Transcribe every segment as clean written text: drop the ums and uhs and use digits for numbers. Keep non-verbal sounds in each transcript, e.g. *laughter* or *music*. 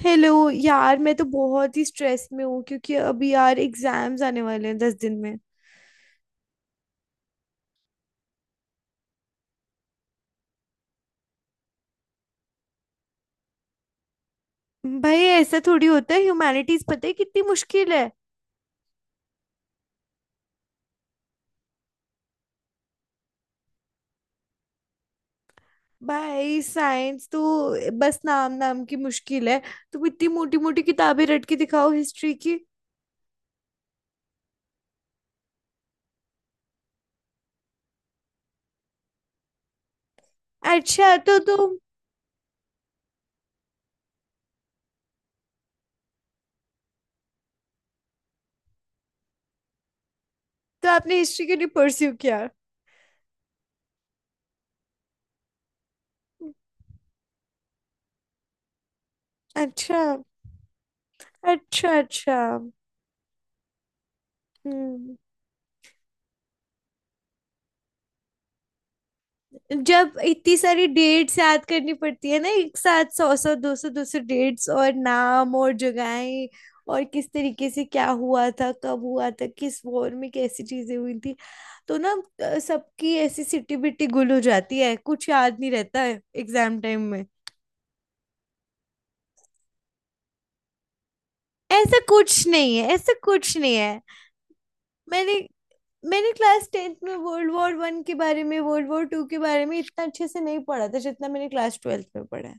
Hello यार, मैं तो बहुत ही स्ट्रेस में हूँ क्योंकि अभी यार एग्जाम्स आने वाले हैं 10 दिन में। भाई ऐसा थोड़ी होता है, ह्यूमैनिटीज पता है कितनी मुश्किल है। भाई साइंस तो बस नाम नाम की मुश्किल है। तुम इतनी मोटी मोटी किताबें रट के दिखाओ हिस्ट्री की। अच्छा तो तुम, तो आपने हिस्ट्री क्यों नहीं परस्यू किया? अच्छा, अच्छा, अच्छा। हम्म। जब इतनी सारी डेट्स याद करनी पड़ती है ना, एक साथ सौ सौ दो सौ दो सौ डेट्स और नाम और जगहें, और किस तरीके से क्या हुआ था, कब हुआ था, किस वॉर में कैसी चीजें हुई थी, तो ना सबकी ऐसी सिटी बिटी गुल हो जाती है, कुछ याद नहीं रहता है एग्जाम टाइम में। ऐसा कुछ नहीं है, ऐसा कुछ नहीं है। मैंने मैंने क्लास 10th में वर्ल्ड वॉर 1 के बारे में, वर्ल्ड वॉर 2 के बारे में इतना अच्छे से नहीं पढ़ा था जितना मैंने क्लास 12th में पढ़ा है।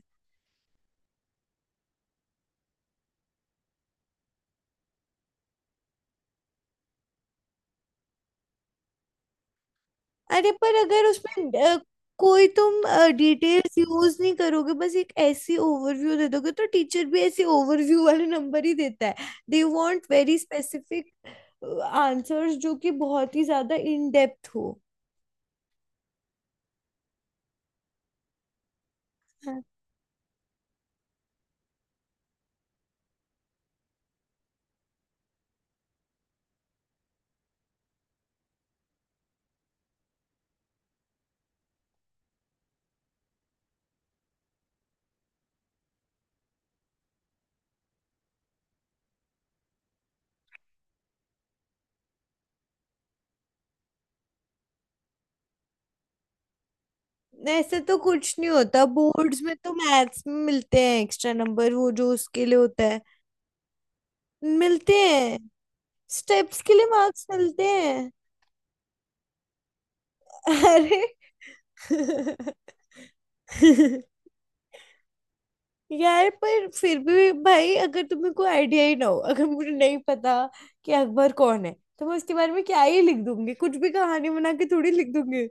अरे पर अगर उसमें कोई तुम डिटेल्स यूज नहीं करोगे, बस एक ऐसी ओवरव्यू दे दोगे, तो टीचर भी ऐसे ओवरव्यू वाले नंबर ही देता है। They want very specific answers जो कि बहुत ही ज्यादा इन डेप्थ हो। हाँ। ऐसे तो कुछ नहीं होता, बोर्ड्स में तो मैथ्स में मिलते हैं एक्स्ट्रा नंबर, वो जो उसके लिए होता है। मिलते हैं, स्टेप्स के लिए मार्क्स मिलते हैं। *laughs* अरे। *laughs* यार पर फिर भी भाई, अगर तुम्हें कोई आइडिया ही ना हो, अगर मुझे नहीं पता कि अकबर कौन है, तो मैं उसके बारे में क्या ही लिख दूंगी, कुछ भी कहानी बना के थोड़ी लिख दूंगी।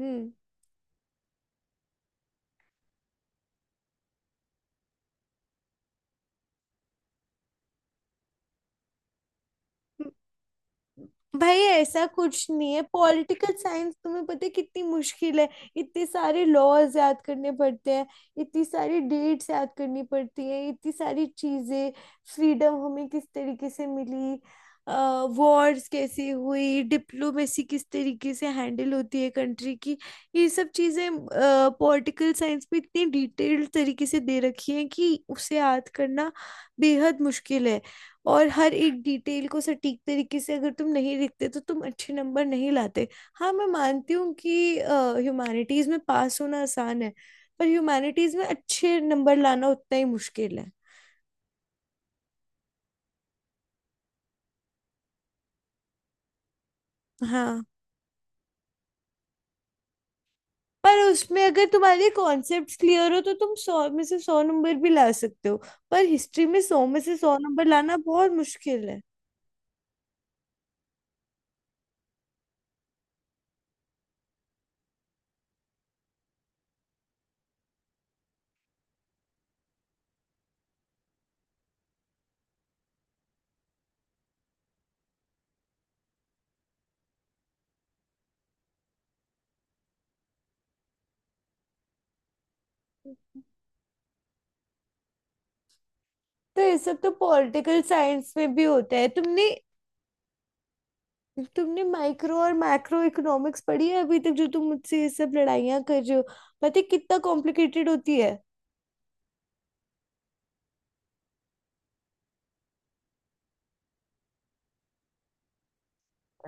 हम्म। भाई ऐसा कुछ नहीं है, पॉलिटिकल साइंस तुम्हें पता है कितनी मुश्किल है। इतने सारे लॉज याद करने पड़ते हैं, इतनी सारी डेट्स याद करनी पड़ती है, इतनी सारी चीजें, फ्रीडम हमें किस तरीके से मिली, वॉर्स कैसे हुई, डिप्लोमेसी किस तरीके से हैंडल होती है कंट्री की, ये सब चीजें पॉलिटिकल साइंस में इतनी डिटेल्ड तरीके से दे रखी हैं कि उसे याद करना बेहद मुश्किल है। और हर एक डिटेल को सटीक तरीके से अगर तुम नहीं लिखते तो तुम अच्छे नंबर नहीं लाते। हाँ, मैं मानती हूँ कि ह्यूमैनिटीज में पास होना आसान है, पर ह्यूमैनिटीज में अच्छे नंबर लाना उतना ही मुश्किल है। हाँ। पर उसमें अगर तुम्हारे कॉन्सेप्ट्स क्लियर हो तो तुम सौ में से सौ नंबर भी ला सकते हो। पर हिस्ट्री में सौ में से सौ नंबर लाना बहुत मुश्किल है। तो ये सब तो पॉलिटिकल साइंस में भी होता है। तुमने तुमने माइक्रो और मैक्रो इकोनॉमिक्स पढ़ी है अभी तक जो तुम मुझसे ये सब लड़ाइयाँ कर रहे हो, पता है कितना कॉम्प्लिकेटेड होती है।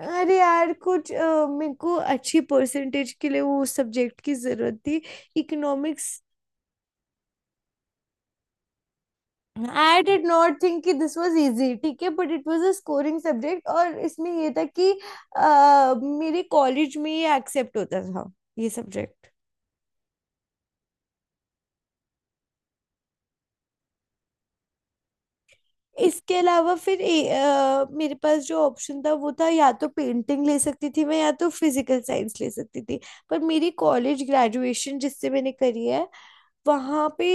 अरे यार, कुछ मेरे को अच्छी परसेंटेज के लिए वो सब्जेक्ट की जरूरत थी, economics. I did not think कि दिस वाज इजी, ठीक है, but it was a scoring subject, और इसमें ये था कि मेरे कॉलेज में ये एक्सेप्ट होता था, ये सब्जेक्ट। इसके अलावा फिर मेरे पास जो ऑप्शन था वो था, या तो पेंटिंग ले सकती थी मैं, या तो फिजिकल साइंस ले सकती थी। पर मेरी कॉलेज ग्रेजुएशन जिससे मैंने करी है, वहाँ पे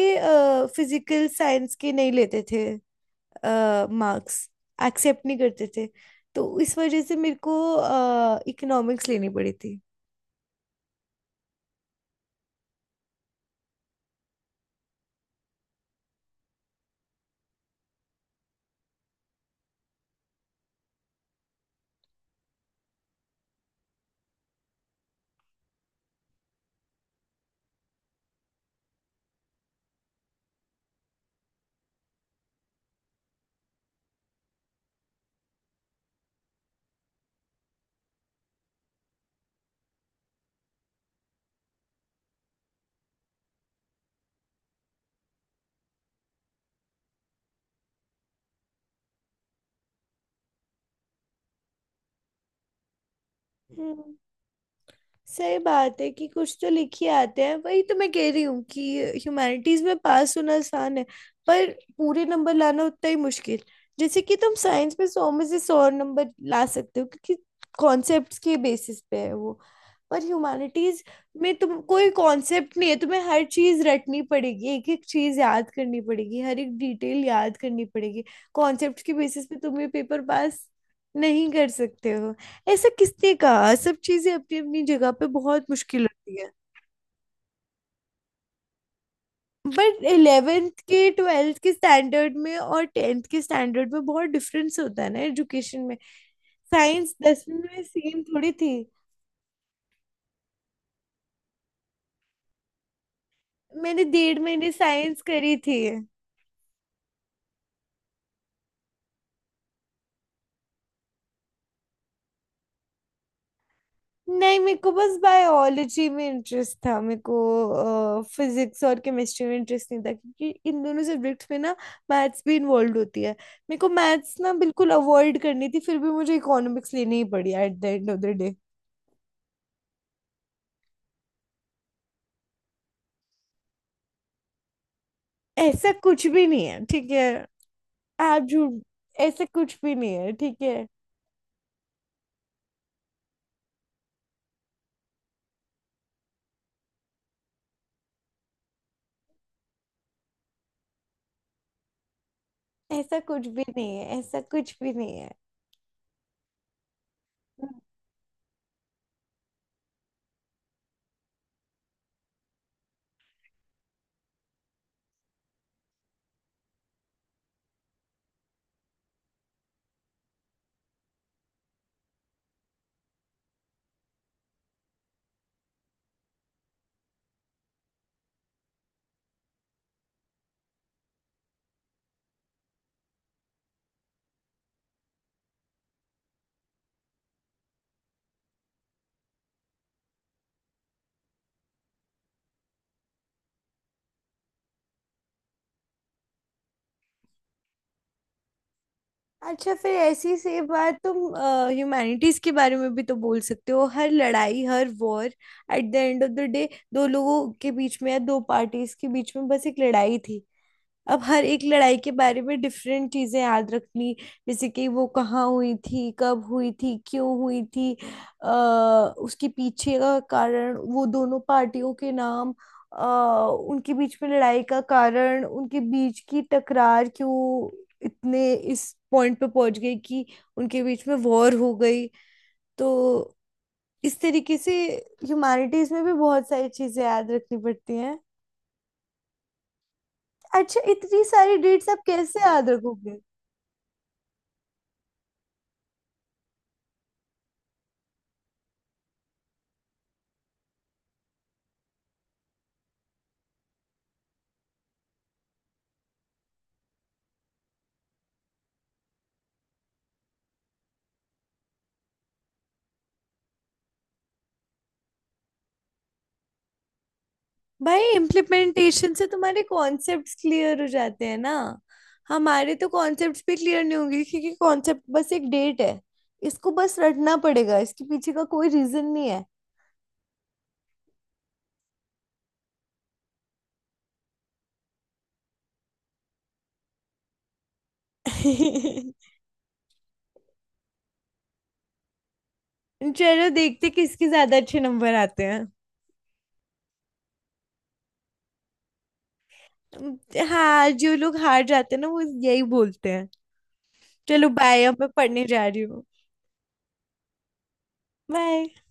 फिजिकल साइंस के नहीं लेते थे मार्क्स, एक्सेप्ट नहीं करते थे। तो इस वजह से मेरे को इकोनॉमिक्स लेनी पड़ी थी। सही बात है कि कुछ तो लिख ही आते हैं, वही तो मैं कह रही हूँ कि ह्यूमैनिटीज में पास होना आसान है, पर पूरे नंबर लाना उतना ही मुश्किल। जैसे कि तुम साइंस में सौ में से सौ नंबर ला सकते हो क्योंकि कॉन्सेप्ट्स के बेसिस पे है वो। पर ह्यूमैनिटीज में तुम कोई कॉन्सेप्ट नहीं है, तुम्हें हर चीज रटनी पड़ेगी, एक एक चीज याद करनी पड़ेगी, हर एक डिटेल याद करनी पड़ेगी। कॉन्सेप्ट के बेसिस पे तुम ये पेपर पास नहीं कर सकते हो। ऐसा किसने कहा, सब चीजें अपनी अपनी जगह पे बहुत मुश्किल होती है। बट 11th के 12th के स्टैंडर्ड में और 10th के स्टैंडर्ड में बहुत डिफरेंस होता है ना एजुकेशन में। साइंस 10वीं में सेम थोड़ी थी। मैंने 1.5 महीने साइंस करी थी। नहीं, मेरे को बस बायोलॉजी में इंटरेस्ट था, मेरे को फिजिक्स और केमिस्ट्री में इंटरेस्ट नहीं था क्योंकि इन दोनों सब्जेक्ट्स में ना मैथ्स भी इन्वॉल्व होती है। मेरे को मैथ्स ना बिल्कुल अवॉइड करनी थी, फिर भी मुझे इकोनॉमिक्स लेनी ही पड़ी at the end of the day. ऐसा कुछ भी नहीं है, ठीक है। आप झूठ। ऐसा कुछ भी नहीं है, ठीक है। ऐसा कुछ भी नहीं है, ऐसा कुछ भी नहीं है। अच्छा, फिर ऐसी से बात तुम ह्यूमैनिटीज के बारे में भी तो बोल सकते हो। हर लड़ाई, हर war at the end of the day दो लोगों के बीच में या दो पार्टीज के बीच में बस एक लड़ाई थी। अब हर एक लड़ाई के बारे में डिफरेंट चीजें याद रखनी, जैसे कि वो कहाँ हुई थी, कब हुई थी, क्यों हुई थी, अ, उसके पीछे का कारण, वो दोनों पार्टियों के नाम, अ, उनके बीच में लड़ाई का कारण, उनके बीच की टकरार क्यों इतने इस पॉइंट पे पहुंच गई कि उनके बीच में वॉर हो गई। तो इस तरीके से ह्यूमैनिटीज में भी बहुत सारी चीजें याद रखनी पड़ती हैं। अच्छा, इतनी सारी डेट्स आप कैसे याद रखोगे? भाई इम्प्लीमेंटेशन से तुम्हारे कॉन्सेप्ट्स क्लियर हो जाते हैं ना। हमारे तो कॉन्सेप्ट्स भी क्लियर नहीं होंगे क्योंकि कॉन्सेप्ट बस एक डेट है, इसको बस रटना पड़ेगा, इसके पीछे का कोई रीजन नहीं है। *laughs* चलो, देखते किसके ज्यादा अच्छे नंबर आते हैं। हाँ, जो लोग हार जाते हैं ना वो यही बोलते हैं। चलो बाय, अब मैं पढ़ने जा रही हूँ। बाय।